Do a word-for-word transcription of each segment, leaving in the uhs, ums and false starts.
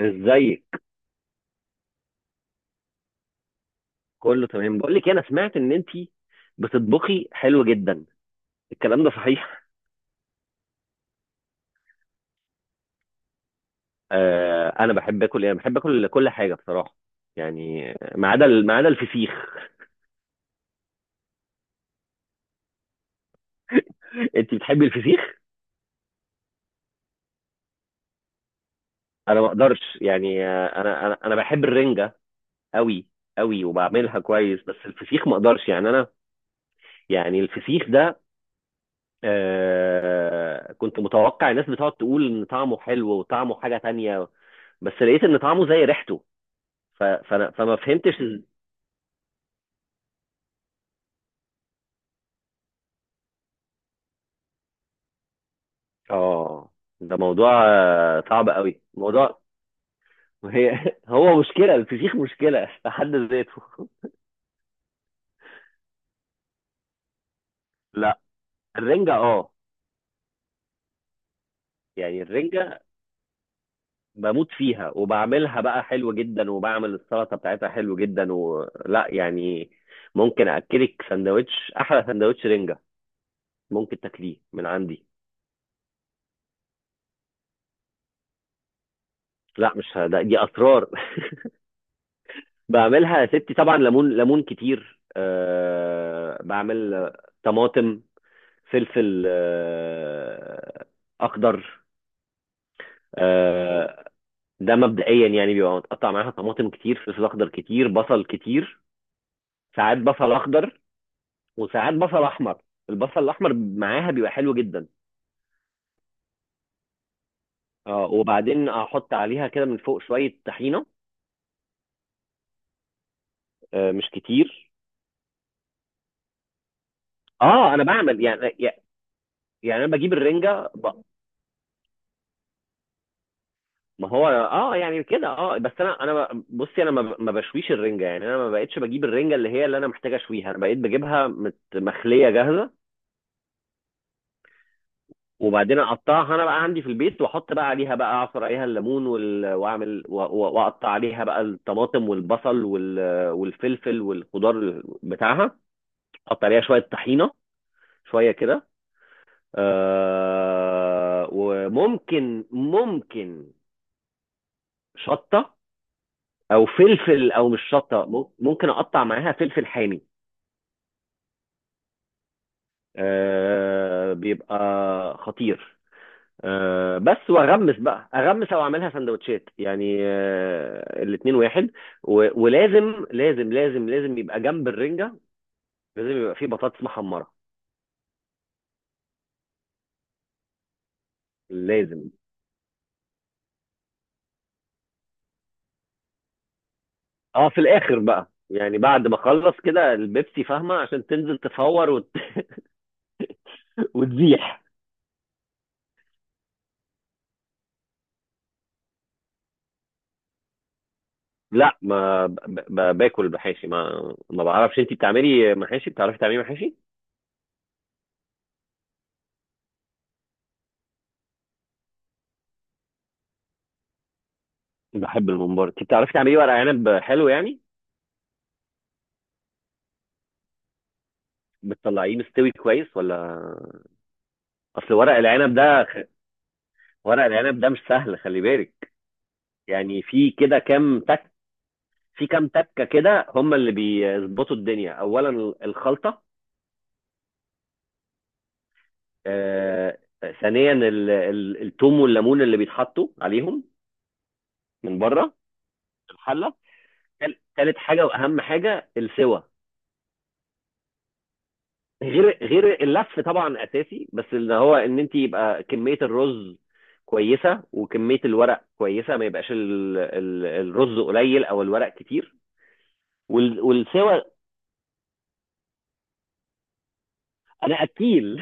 ازيك؟ كله تمام. بقول لك إيه، انا سمعت ان انت بتطبخي حلو جدا. الكلام ده صحيح؟ آه انا بحب اكل ايه؟ أنا بحب اكل كل حاجه بصراحه. يعني ما عدا ال- ما عدا الفسيخ. انت بتحبي الفسيخ؟ انا ما اقدرش، يعني، آه، انا انا انا بحب الرنجه قوي. قوي وبعملها كويس، بس الفسيخ ما اقدرش يعني انا. يعني الفسيخ ده، آه كنت متوقع الناس بتقعد تقول ان طعمه حلو وطعمه حاجه تانية. بس لقيت ان طعمه زي ريحته. ف- فانا فما فهمتش. اه، ده موضوع آه، صعب قوي موضوع. هي هو مشكله الفسيخ مشكله في حد ذاته. لا، الرنجه، اه. يعني الرنجه، بموت فيها وبعملها بقى حلو جدا، وبعمل السلطه بتاعتها حلو جدا، ولا يعني. ممكن اكلك سندوتش، احلى سندوتش رنجه. ممكن تاكليه من عندي. لا، مش ه- ده دي اسرار. بعملها يا ستي، طبعا ليمون ليمون كتير، أه بعمل طماطم، فلفل آه، اخضر. آه، ده مبدئيا يعني بيبقى متقطع معاها طماطم كتير، فلفل اخضر كتير، بصل كتير. ساعات بصل اخضر، وساعات بصل احمر. البصل الاحمر معاها بيبقى حلو جدا. اه، وبعدين احط عليها كده من فوق شويه طحينه، آه، مش كتير. اه، انا بعمل يعني. يعني انا بجيب الرنجه ب- ما هو، اه، يعني كده، اه، بس انا انا ب- بصي، انا ما ب- ما بشويش الرنجه، يعني انا ما بقتش بجيب الرنجه اللي هي اللي انا محتاج اشويها، انا بقيت بجيبها مت- مخليه جاهزه. وبعدين اقطعها انا بقى عندي في البيت، واحط بقى عليها بقى اعصر عليها الليمون وال... واعمل و- و- واقطع عليها بقى الطماطم والبصل وال... والفلفل والخضار بتاعها، احط عليها شويه طحينه، شويه كده. آه... وممكن ممكن شطه، او فلفل، او مش شطه، مم- ممكن اقطع معاها فلفل حامي. آه بيبقى خطير. آه بس واغمس بقى، اغمس او اعملها سندوتشات، يعني آه الاتنين واحد. و- ولازم لازم لازم لازم يبقى جنب الرنجه، لازم يبقى فيه بطاطس محمره. لازم. اه، في الاخر بقى، يعني بعد ما اخلص كده البيبسي، فاهمه، عشان تنزل تفور وت... وتزيح. لا، ما ب... ب... باكل محاشي، ما ما بعرفش. انت بتعملي محاشي؟ بتعرفي تعملي محاشي؟ بحب الممبار. انت بتعرفي تعملي ورق عنب حلو يعني؟ بتطلعيه مستوي كويس، ولا؟ اصل ورق العنب ده خ... ورق العنب ده مش سهل، خلي بالك. يعني، في كده كام تك في كام تكه كده هم اللي بيظبطوا الدنيا. اولا ال- الخلطه. آه... ثانيا، ال... ال... التوم والليمون اللي بيتحطوا عليهم من بره، الحله. ثالث حاجه، واهم حاجه، السوى. غير غير اللف طبعا اساسي، بس اللي هو ان انت يبقى كميه الرز كويسه، وكميه الورق كويسه، ما يبقاش ال... ال... الرز قليل او الورق كتير، وال... والسوى. انا اكيل.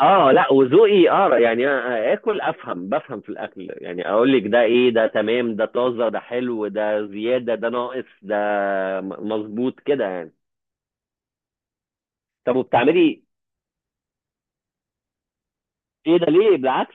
اه، لا، وذوقي، اه يعني أنا اكل افهم بفهم في الاكل، يعني اقول لك ده ايه، ده تمام، ده طازه، ده حلو، ده زياده، ده ناقص، ده م- مظبوط كده يعني. طب، وبتعملي؟ ايه ده؟ ليه؟ بالعكس.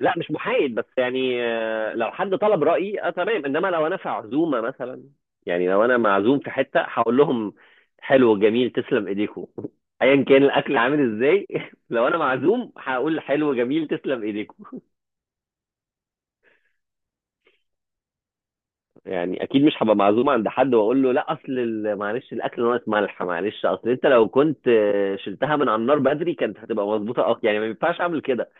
لا، مش محايد، بس يعني آه، لو حد طلب رأيي اه تمام، انما لو انا في عزومة مثلا، يعني لو انا معزوم في حتة هقول لهم حلو، جميل، تسلم ايديكم. ايا كان الاكل عامل ازاي. لو انا معزوم هقول حلو، جميل، تسلم ايديكم. يعني اكيد مش هبقى معزوم عند حد واقول له لا، اصل ال- معلش الاكل ناقص ملح، معلش اصل انت لو كنت آه، شلتها من على النار بدري كانت هتبقى مظبوطة، اه يعني ما ينفعش اعمل كده.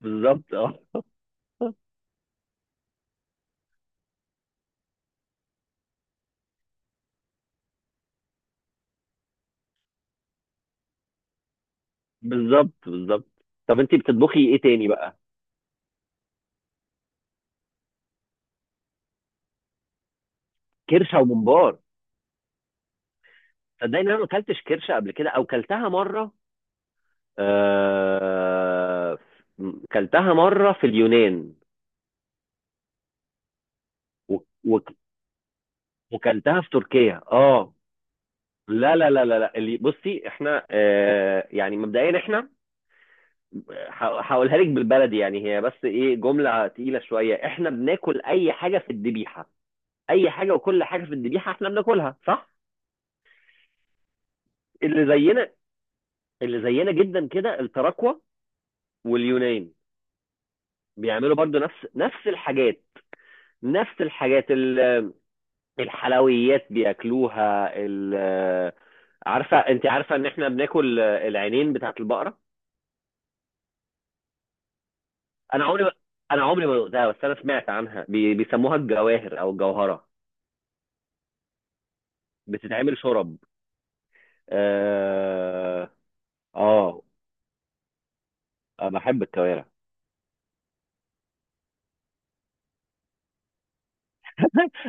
بالظبط، اه، بالظبط بالظبط. طب، انت بتطبخي ايه تاني بقى؟ كرشة وممبار؟ صدقني انا ما اكلتش كرشه قبل كده، او كلتها مره. آه كلتها مره في اليونان. و- و- وكلتها في تركيا، اه. لا لا لا لا لا، اللي بصي احنا، آه يعني مبدئيا احنا، ه- هقولها لك بالبلدي، يعني هي بس ايه جمله تقيله شويه، احنا بناكل اي حاجه في الذبيحه، اي حاجه وكل حاجه في الذبيحه احنا بناكلها، صح؟ اللي زينا، اللي زينا جدا كده التراكوة، واليونان، بيعملوا برضو نفس نفس الحاجات. نفس الحاجات ال- الحلويات بياكلوها ال- عارفه انت عارفه ان احنا بناكل العينين بتاعه البقره؟ انا عمري ما... انا عمري ما دقتها، بس انا سمعت عنها بي... بيسموها الجواهر او الجوهره. بتتعمل شرب؟ اه، اه، أنا بحب الكوارع.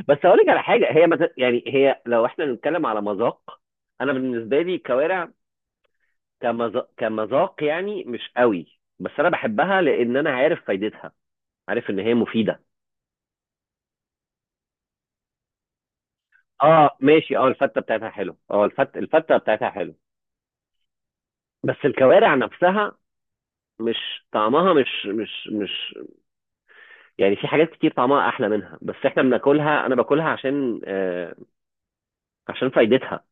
بس اقول لك على حاجه، هي مت... يعني هي لو احنا بنتكلم على مذاق، انا بالنسبه لي الكوارع كمذاق كمذاق يعني مش قوي، بس انا بحبها لان انا عارف فايدتها، عارف ان هي مفيده. اه، ماشي، اه، الفته بتاعتها حلو، اه، الفت الفته بتاعتها حلو. بس الكوارع نفسها، مش طعمها مش مش مش، يعني في حاجات كتير طعمها احلى منها، بس احنا بناكلها، انا باكلها عشان آه عشان فايدتها،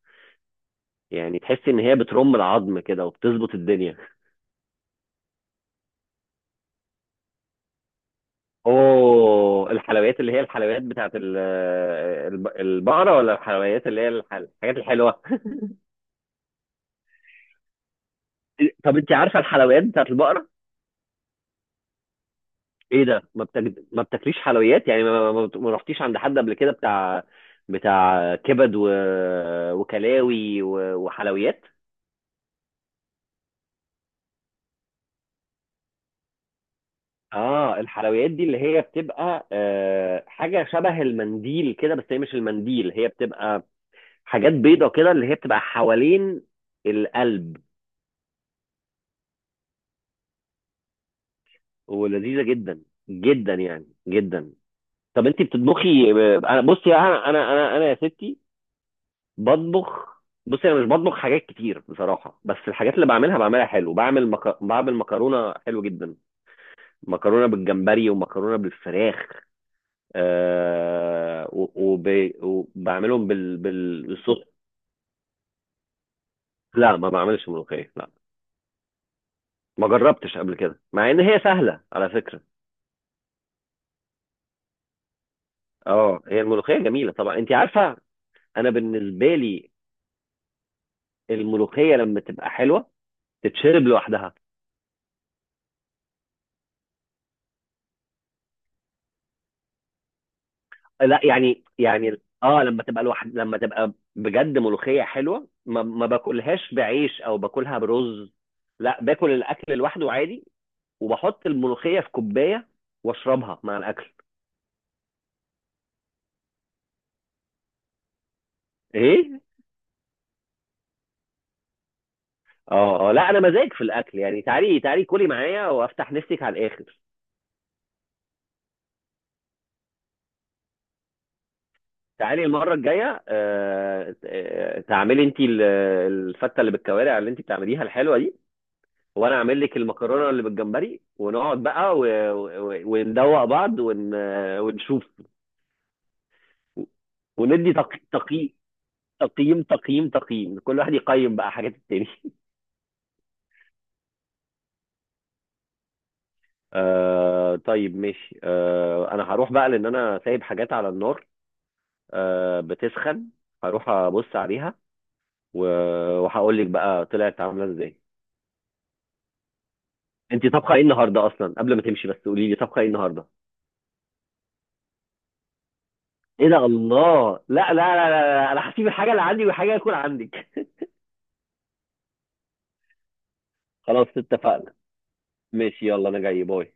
يعني تحس ان هي بترم العظم كده وبتظبط الدنيا. اوه، الحلويات اللي هي الحلويات بتاعت ال- الب- البقره، ولا الحلويات اللي هي الح- الحاجات الحلوه؟ طب انت عارفه الحلويات بتاعت البقره؟ ايه ده، ما بتاك... ما بتاكليش حلويات يعني، ما... ما... ما رحتيش عند حد قبل كده بتاع بتاع كبد و... وكلاوي و... وحلويات؟ اه، الحلويات دي اللي هي بتبقى آه حاجه شبه المنديل كده، بس هي مش المنديل، هي بتبقى حاجات بيضه كده، اللي هي بتبقى حوالين القلب، ولذيذه جدا، جدا يعني جدا. طب انت بتطبخي؟ انا بصي، انا انا انا انا يا ستي، بطبخ. بص، انا مش بطبخ حاجات كتير بصراحه، بس الحاجات اللي بعملها بعملها حلو، بعمل مك... بعمل مكرونه حلو جدا. مكرونه بالجمبري، ومكرونه بالفراخ، آه... و... وب... وبعملهم بال... بال... بالصوص. لا، ما بعملش ملوخيه، لا. ما جربتش قبل كده، مع ان هي سهله على فكره. اه، هي الملوخيه جميله طبعا، انت عارفه، انا بالنسبه لي الملوخيه لما تبقى حلوه تتشرب لوحدها. لا، يعني يعني، اه، لما تبقى الواحد لما تبقى بجد ملوخية حلوة، ما, ما باكلهاش بعيش او باكلها برز. لا، باكل الاكل لوحده عادي، وبحط الملوخية في كوباية واشربها مع الاكل. ايه؟ اه، اه، لا انا مزاج في الاكل، يعني تعالي تعالي كلي معايا وافتح نفسك على الاخر. تعالي المرة الجاية، آه آه، تعملي انت ال- الفتة اللي بالكوارع اللي انت بتعمليها الحلوة دي، وانا اعمل لك المكرونه اللي بالجمبري، ونقعد بقى و... و... وندوق بعض ون... ونشوف، وندي تق... تقييم تقييم تقييم تقييم، كل واحد يقيم بقى حاجات التاني. آه طيب ماشي، آه انا هروح بقى لان انا سايب حاجات على النار، آه بتسخن. هروح ابص عليها و... وهقول لك بقى طلعت عامله ازاي. انت طبخه ايه النهارده اصلا؟ قبل ما تمشي بس قولي لي طبخه ايه النهارده. ايه ده! الله، لا لا لا لا, لا. انا هسيب الحاجه اللي عندي والحاجه هتكون عندك. خلاص، اتفقنا. ماشي، يلا، انا جاي. باي.